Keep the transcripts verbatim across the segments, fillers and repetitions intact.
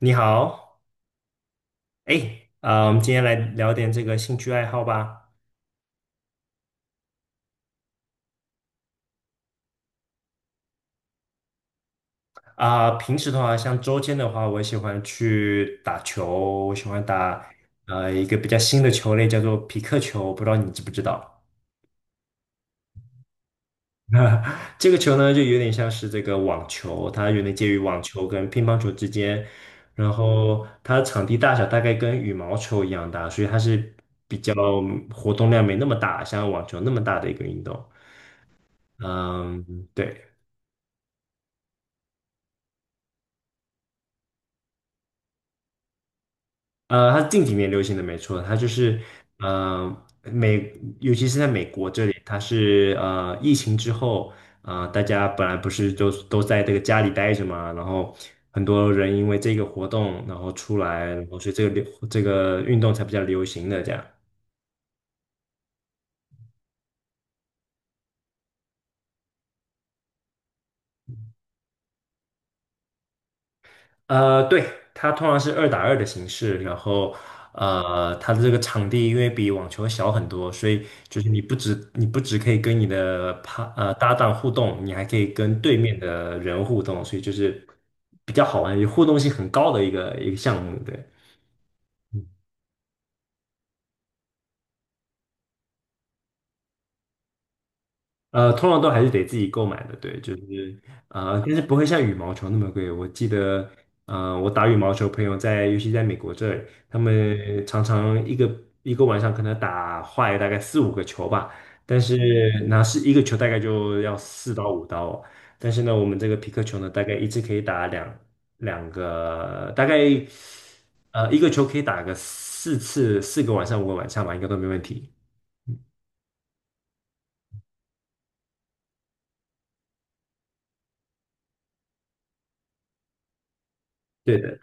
你好，哎，啊、我们今天来聊点这个兴趣爱好吧。啊、平时的话，像周间的话，我喜欢去打球，我喜欢打呃一个比较新的球类，叫做匹克球，不知道你知不知道？这个球呢，就有点像是这个网球，它有点介于网球跟乒乓球之间，然后它的场地大小大概跟羽毛球一样大，所以它是比较活动量没那么大，像网球那么大的一个运动。嗯，对。呃，它是近几年流行的，没错，它就是呃美，尤其是在美国这里，它是呃疫情之后，呃大家本来不是都都在这个家里待着嘛，然后很多人因为这个活动，然后出来，然后所以这个流这个运动才比较流行的这样。呃，对，它通常是二打二的形式，然后呃，它的这个场地因为比网球小很多，所以就是你不止你不止可以跟你的趴呃搭档互动，你还可以跟对面的人互动，所以就是比较好玩，也互动性很高的一个一个项目，对。呃，通常都还是得自己购买的，对，就是呃，但是不会像羽毛球那么贵。我记得，呃，我打羽毛球，朋友在，尤其在美国这里他们常常一个一个晚上可能打坏大概四五个球吧，但是那是一个球大概就要四到五刀哦但是呢，我们这个皮克球呢，大概一次可以打两两个，大概呃一个球可以打个四次，四个晚上五个晚上吧，应该都没问题。对的。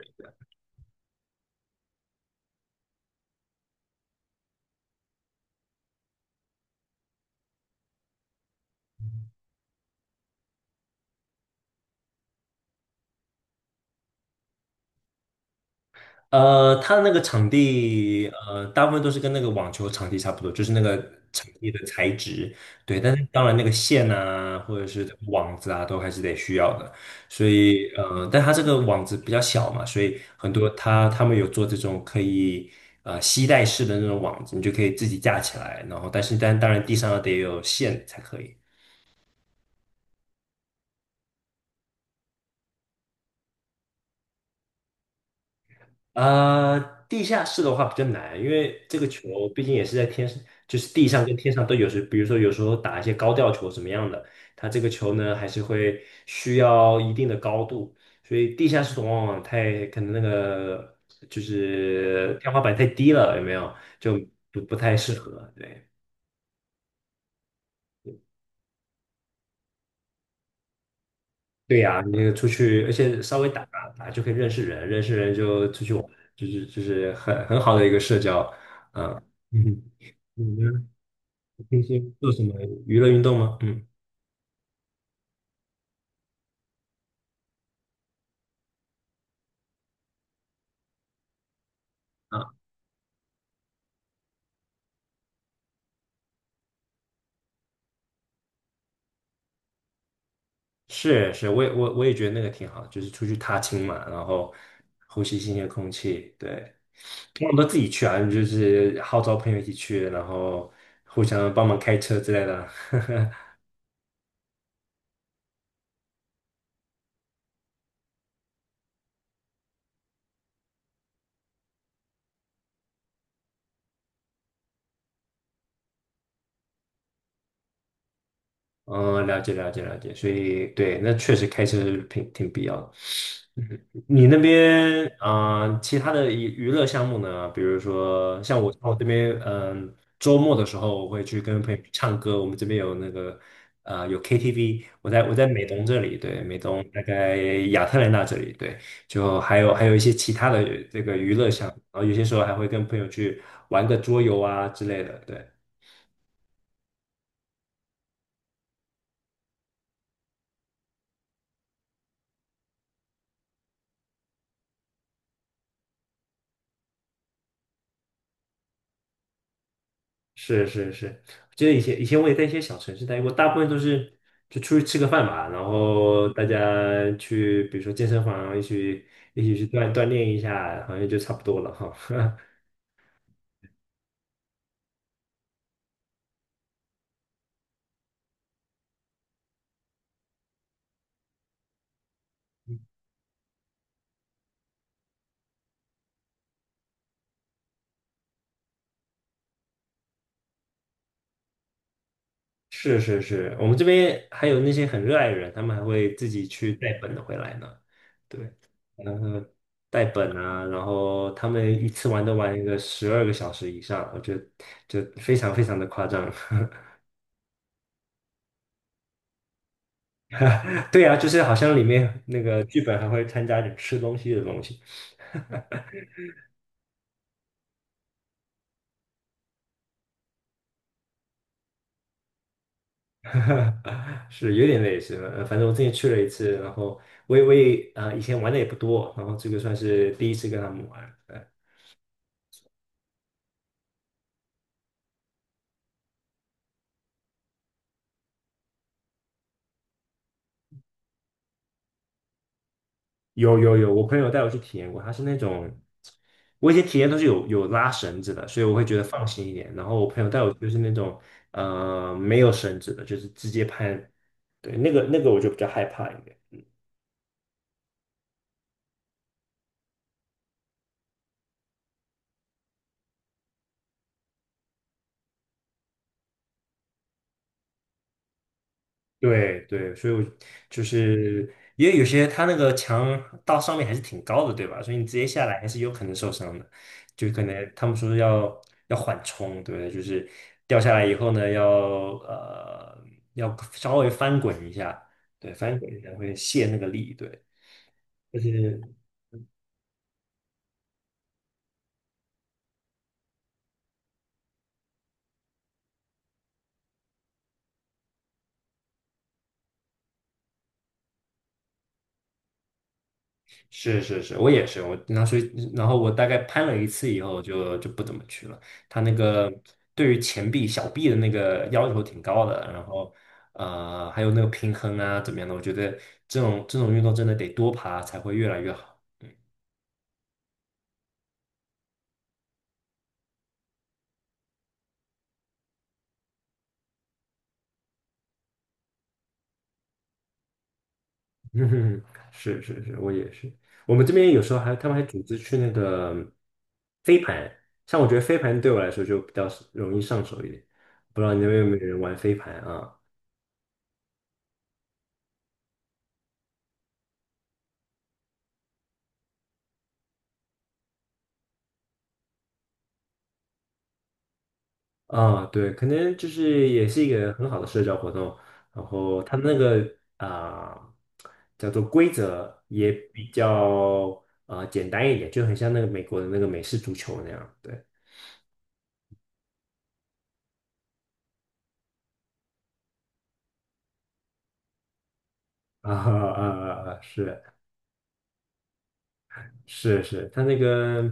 呃，它的那个场地，呃，大部分都是跟那个网球场地差不多，就是那个场地的材质，对。但是当然，那个线啊，或者是网子啊，都还是得需要的。所以，呃，但它这个网子比较小嘛，所以很多它他们有做这种可以呃吸带式的那种网子，你就可以自己架起来。然后，但是但当然地上得有线才可以。呃，地下室的话比较难，因为这个球毕竟也是在天上，就是地上跟天上都有时，比如说有时候打一些高吊球怎么样的，它这个球呢还是会需要一定的高度，所以地下室往往太可能那个就是天花板太低了，有没有？就不不太适合。对对呀，你那个出去，而且稍微打打就可以认识人，认识人就出去玩，就是就是很很好的一个社交，嗯嗯。嗯。平时做什么娱乐运动吗？嗯啊，是是，我也我我也觉得那个挺好，就是出去踏青嘛，然后呼吸新鲜空气。对，通常都自己去啊，就是号召朋友一起去，然后互相帮忙开车之类的啊。嗯，了解了解了解，所以对，那确实开车是挺挺必要的。嗯你那边啊、呃其他的娱娱乐项目呢？比如说像我，像我，这边，嗯、周末的时候我会去跟朋友去唱歌。我们这边有那个呃有 K T V，我在我在美东这里，对，美东大概亚特兰大这里，对，就还有还有一些其他的这个娱乐项目，然后有些时候还会跟朋友去玩个桌游啊之类的，对。是是是，就记得以前以前我也在一些小城市待过，大部分都是就出去吃个饭嘛，然后大家去比如说健身房一起一起去锻锻炼一下，好像就差不多了哈。是是是，我们这边还有那些很热爱的人，他们还会自己去带本的回来呢。对，带本啊，然后他们一次玩都玩一个十二个小时以上，我觉得就非常非常的夸张。对啊，就是好像里面那个剧本还会参加点吃东西的东西。是有点类似，呃，反正我之前去了一次，然后我也我也啊、呃以前玩的也不多，然后这个算是第一次跟他们玩。呃有有有，我朋友带我去体验过，他是那种我以前体验都是有有拉绳子的，所以我会觉得放心一点。然后我朋友带我去就是那种呃没有绳子的，就是直接攀，对，那个那个我就比较害怕一点。对对，所以我就是因为有些它那个墙到上面还是挺高的，对吧？所以你直接下来还是有可能受伤的，就可能他们说要要缓冲，对不对？就是掉下来以后呢，要呃要稍微翻滚一下，对，翻滚一下会泄那个力，对。就是。是是是，我也是，我那所以然后我大概攀了一次以后就就不怎么去了。他那个对于前臂、小臂的那个要求挺高的，然后呃还有那个平衡啊怎么样的，我觉得这种这种运动真的得多爬才会越来越好。嗯，是是是，我也是。我们这边有时候还他们还组织去那个飞盘，像我觉得飞盘对我来说就比较容易上手一点，不知道你那边有没有人玩飞盘啊？啊，对，可能就是也是一个很好的社交活动，然后它那个啊、叫做规则也比较啊简单一点，就很像那个美国的那个美式足球那样，对 啊啊啊，啊是是是，他那个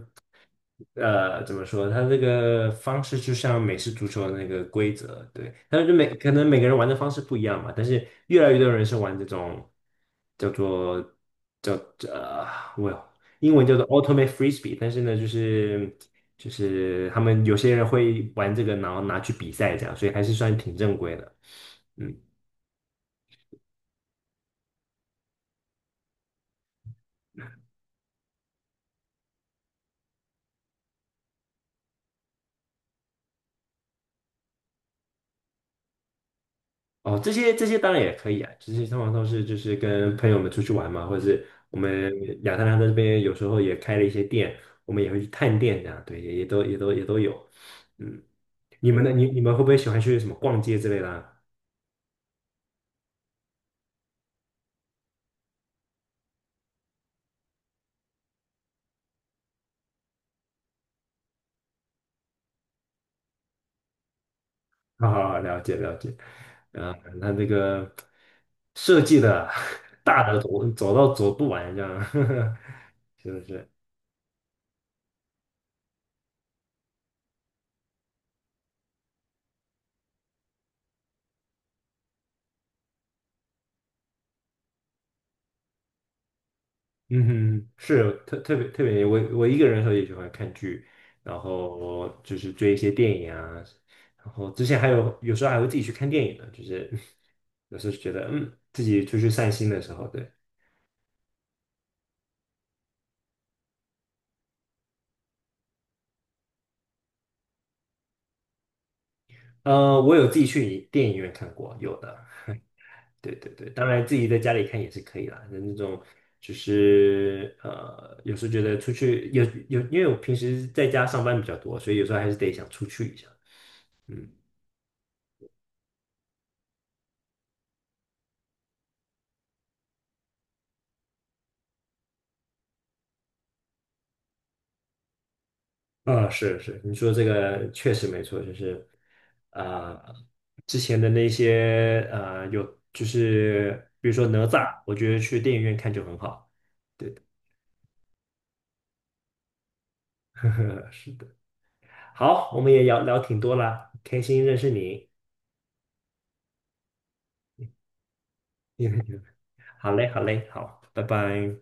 呃，怎么说？它这个方式就像美式足球的那个规则，对。但是每可能每个人玩的方式不一样嘛，但是越来越多人是玩这种叫做叫呃，我英文叫做 ultimate frisbee，但是呢，就是就是他们有些人会玩这个，然后拿去比赛这样，所以还是算挺正规的。嗯。哦，这些这些当然也可以啊，这些通常都是就是跟朋友们出去玩嘛，或者是我们亚特兰大这边有时候也开了一些店，我们也会去探店这样，对，也也都也都也都有。嗯，你们呢？你你们会不会喜欢去什么逛街之类的啊？好好好，了解了解。啊，那这个设计的 大的走走到走不完这样，是不是？嗯哼，是特特别特别，我我一个人的时候也喜欢看剧，然后就是追一些电影啊，然后之前还有有时候还会自己去看电影呢，就是有时候觉得嗯自己出去散心的时候，对，呃，我有自己去电影院看过，有的，对对对，当然自己在家里看也是可以啦，那那种就是呃有时候觉得出去有有，因为我平时在家上班比较多，所以有时候还是得想出去一下，嗯。嗯，是是，你说这个确实没错，就是啊、呃之前的那些呃，有就是比如说哪吒，我觉得去电影院看就很好。是的，好，我们也聊聊挺多啦，开心认识你。好嘞，好嘞，好，拜拜。